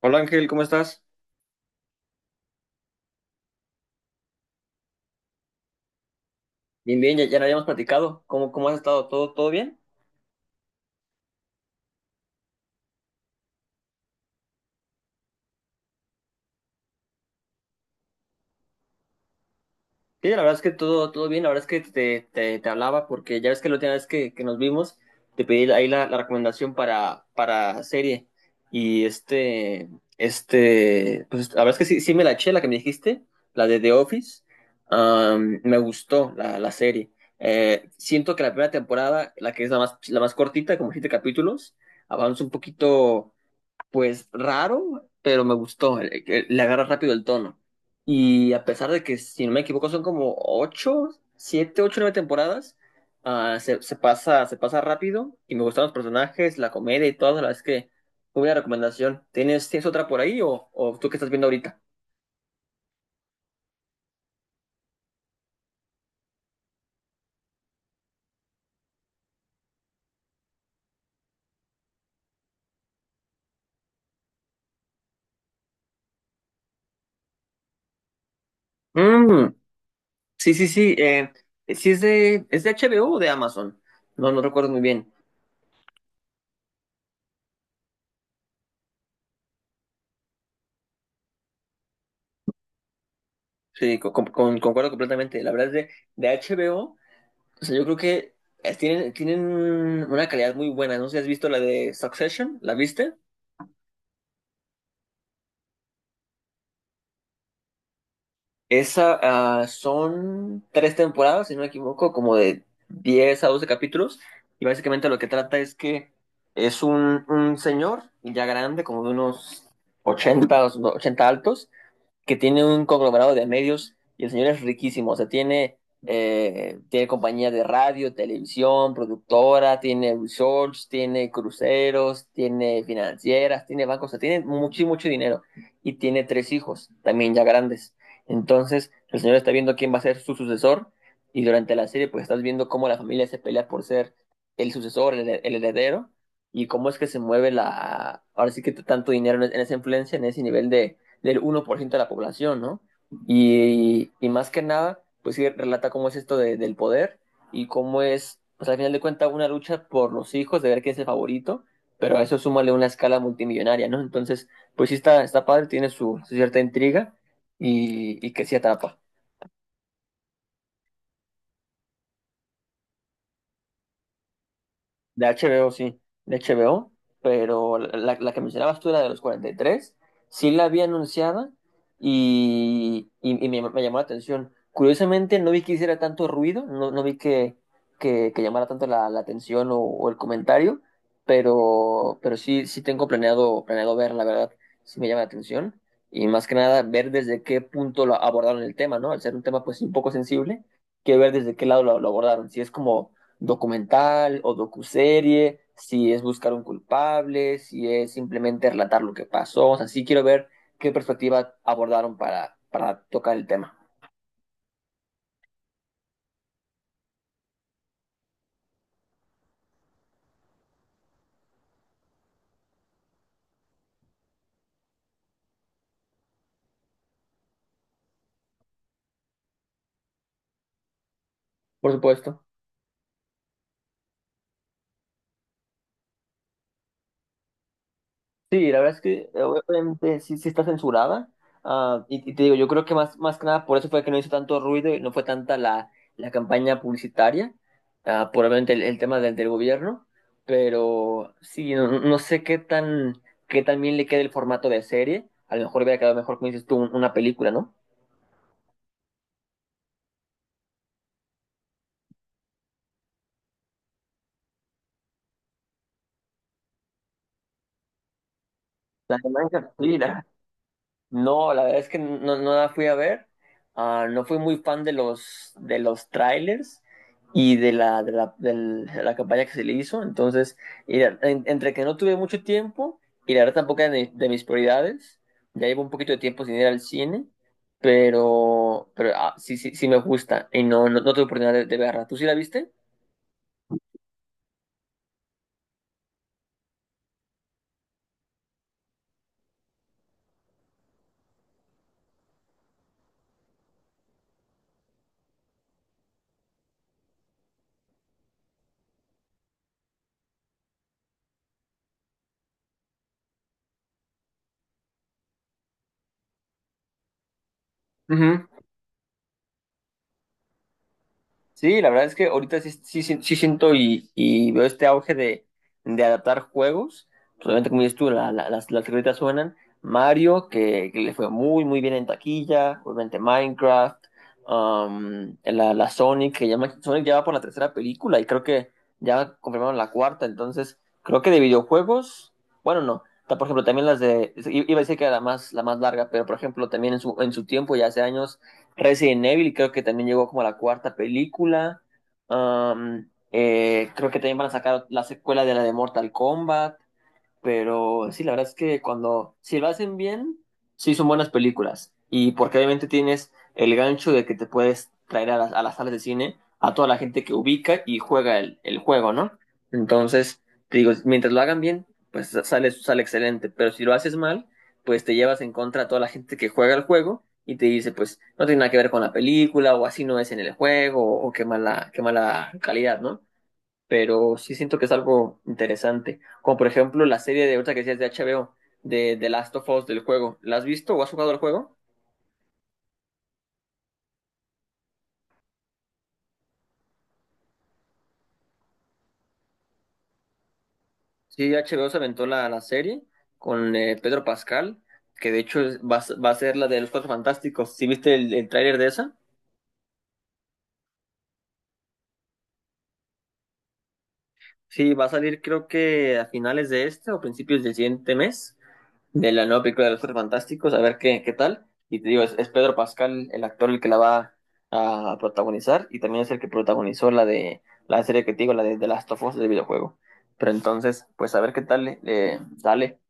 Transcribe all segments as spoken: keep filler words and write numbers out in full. Hola Ángel, ¿cómo estás? Bien, bien, ya, ya no habíamos platicado. ¿Cómo, cómo has estado? ¿Todo, todo bien? Sí, la verdad es que todo, todo bien. La verdad es que te, te, te hablaba porque ya ves que la última vez que, que nos vimos te pedí ahí la, la recomendación para, para serie. Y este, este, pues la verdad es que sí, sí me la eché, la que me dijiste, la de The Office. Am, me gustó la, la serie. Eh, siento que la primera temporada, la que es la más, la más cortita, como siete capítulos, avanza un poquito pues raro, pero me gustó. Eh, que le agarra rápido el tono. Y a pesar de que, si no me equivoco, son como ocho, siete, ocho, nueve temporadas, ah, se, se pasa, se pasa rápido y me gustan los personajes, la comedia y todo. La verdad es que muy buena recomendación. ¿Tienes, tienes otra por ahí o, o tú qué estás viendo ahorita? Mm, sí, sí, sí. Eh, sí es de, es de HBO o o de Amazon. No, no recuerdo muy bien. Sí, co- con- con- concuerdo completamente. La verdad es de, de HBO. O sea, yo creo que eh, tienen, tienen una calidad muy buena. No sé si has visto la de Succession, ¿la viste? Esa, ah, son tres temporadas, si no me equivoco, como de diez a doce capítulos. Y básicamente lo que trata es que es un, un señor ya grande, como de unos ochenta o ochenta altos, que tiene un conglomerado de medios y el señor es riquísimo, o sea, tiene, eh, tiene compañía de radio, televisión, productora, tiene resorts, tiene cruceros, tiene financieras, tiene bancos, o sea, tiene mucho, mucho dinero y tiene tres hijos, también ya grandes. Entonces, el señor está viendo quién va a ser su sucesor y durante la serie pues estás viendo cómo la familia se pelea por ser el sucesor, el, el heredero y cómo es que se mueve la, ahora sí que tanto dinero en esa influencia, en ese nivel de del uno por ciento de la población, ¿no? Y, y, más que nada, pues sí relata cómo es esto de, del poder y cómo es, pues al final de cuentas, una lucha por los hijos, de ver quién es el favorito, pero a eso súmale una escala multimillonaria, ¿no? Entonces, pues sí está, está padre, tiene su, su cierta intriga y, y que sí atrapa. De H B O, sí, de H B O, pero la, la que mencionabas tú, la de los cuarenta y tres sí la había anunciada y, y, y me, me llamó la atención. Curiosamente, no vi que hiciera tanto ruido, no, no vi que, que, que llamara tanto la, la atención o, o el comentario, pero, pero sí, sí tengo planeado, planeado ver, la verdad, sí me llama la atención. Y más que nada, ver desde qué punto lo abordaron el tema, ¿no? Al ser un tema, pues, un poco sensible, quiero ver desde qué lado lo, lo abordaron. Si es como documental o docuserie, si es buscar un culpable, si es simplemente relatar lo que pasó. O sea, sí quiero ver qué perspectiva abordaron para, para tocar el tema. Por supuesto. Sí, la verdad es que eh, obviamente sí, sí está censurada. Ah, y, y te digo, yo creo que más, más que nada por eso fue que no hizo tanto ruido y no fue tanta la, la campaña publicitaria, ah, probablemente el, el tema del, del gobierno, pero sí, no, no no sé qué tan, qué tan bien le queda el formato de serie. A lo mejor hubiera quedado mejor, como dices tú, un- una película, ¿no? La imagen, sí, la- No, la verdad es que no, no la fui a ver. Ah, no fui muy fan de los, de los trailers y de la, de la, del- de la campaña que se le hizo. Entonces, y la- en- entre que no tuve mucho tiempo y la verdad tampoco era de, de mis prioridades, ya llevo un poquito de tiempo sin ir al cine, pero, pero ah, sí, sí, sí me gusta y no, no, no tuve oportunidad de, de verla. ¿Tú sí la viste? Sí, la verdad es que ahorita sí, sí, sí- sí siento y, y veo este auge de, de adaptar juegos. Pues, obviamente, como dices tú, la- la- las, las rolitas suenan. Mario, que, que le fue muy, muy bien en taquilla. Obviamente Minecraft. um, la, la Sonic, que ya, ma- Sonic ya va por la tercera película y creo que ya confirmaron la cuarta. Entonces, creo que de videojuegos, bueno, no. Ta- Por ejemplo, también las de, i- iba a decir que era la más, la más larga, pero por ejemplo, también en su, en su tiempo, ya hace años Resident Evil, creo que también llegó como a la cuarta película. Um, eh, creo que también van a sacar la secuela de la de Mortal Kombat. Pero sí, la verdad es que cuando, si lo hacen bien, sí son buenas películas. Y porque obviamente tienes el gancho de que te puedes traer a las, a las salas de cine a toda la gente que ubica y juega el, el juego, ¿no? Entonces, te digo, mientras lo hagan bien, pues sale, sale excelente. Pero si lo haces mal, pues te llevas en contra a toda la gente que juega el juego y te dice, pues no tiene nada que ver con la película, o así no es en el juego, o qué mala, qué mala calidad, ¿no? Pero sí siento que es algo interesante. Como por ejemplo la serie de otra que decías de H B O, de The Last of Us del juego. ¿La has visto o has jugado el juego? Sí, H B O se aventó la, la serie con eh, Pedro Pascal, que de hecho es- va, a s- va a ser la de los Cuatro Fantásticos. ¿Sí viste el, el tráiler de esa? Sí, va a salir creo que a finales de este o principios del siguiente mes. de la nueva película de los Cuatro Fantásticos, a ver qué, qué tal. Y te digo, es, es Pedro Pascal el actor el que la va a protagonizar y también es el que protagonizó la de la serie que te digo, la de The Last of Us del videojuego. Pero entonces, pues a ver qué tal le le sale.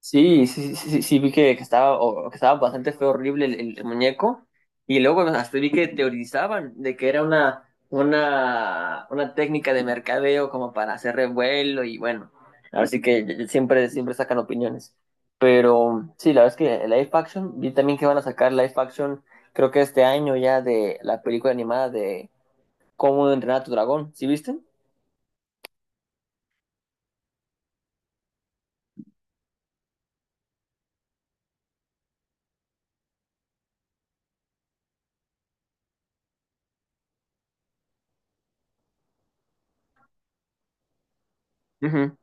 Sí, sí, sí, sí, sí, vi que, que estaba, o- que estaba bastante feo, horrible el, el- el muñeco. Y luego hasta vi que teorizaban de que era una, una, una técnica de mercadeo como para hacer revuelo y bueno, así que siempre, siempre sacan opiniones. Pero sí, la verdad es que el live action, vi también que van a sacar live action, creo que este año ya de la película animada de Cómo entrenar a tu dragón, ¿sí viste? Ujú.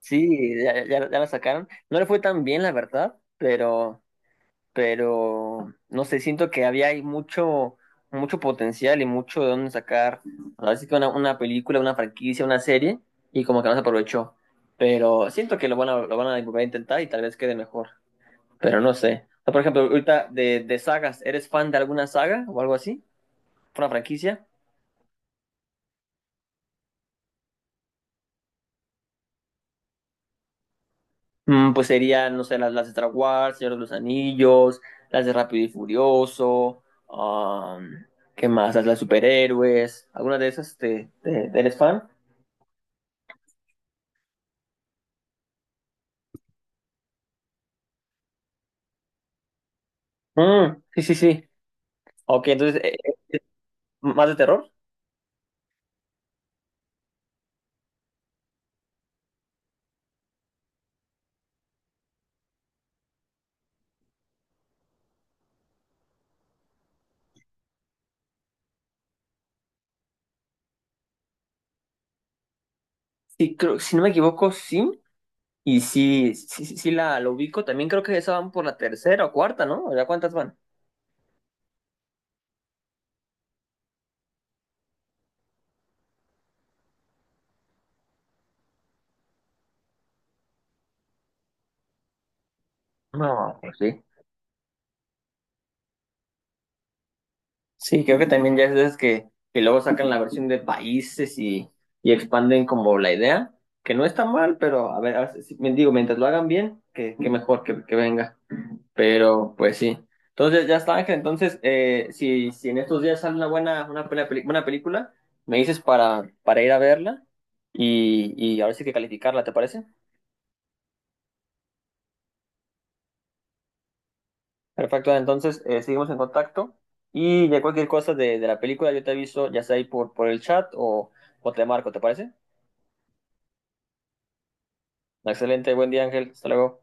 Sí, ya, ya, ya la sacaron. No le fue tan bien, la verdad, pero pero no sé, siento que había ahí mucho, mucho potencial y mucho de dónde sacar. Así que una, una película, una franquicia, una serie, y como que no se aprovechó. Pero siento que lo van a, lo van a volver a intentar y tal vez quede mejor. Pero no sé. O sea, por ejemplo, ahorita de, de sagas, ¿eres fan de alguna saga o algo así? ¿Una franquicia? Mm, pues serían, no sé, las, las de Star Wars, Señor de los Anillos, las de Rápido y Furioso, um, ¿qué más? Las de superhéroes, ¿alguna de esas te, te- eres fan? Mm, sí, sí, sí. Ok, entonces, eh, eh, ¿más de terror? Sí, creo, si no me equivoco, sí. Y sí, sí, sí, sí la, la ubico. También creo que esa van por la tercera o cuarta, ¿no? ¿Ya cuántas van? No, pues sí. Sí, creo que también ya es de esas que, que luego sacan la versión de países y, y expanden como la idea, que no está mal, pero a ver, a ver, si- digo, mientras lo hagan bien, que, que mejor que, que venga. Pero, pues sí. Entonces, ya está, Ángel. Entonces, eh, si, si en estos días sale una buena, una buena, peli- buena película, me dices para, para ir a verla y, y ahora sí que calificarla, ¿te parece? Perfecto. Entonces, eh, seguimos en contacto y de cualquier cosa de, de la película, yo te aviso, ya sea ahí por, por el chat o, o te marco, ¿te parece? Excelente, buen día, Ángel. Hasta luego.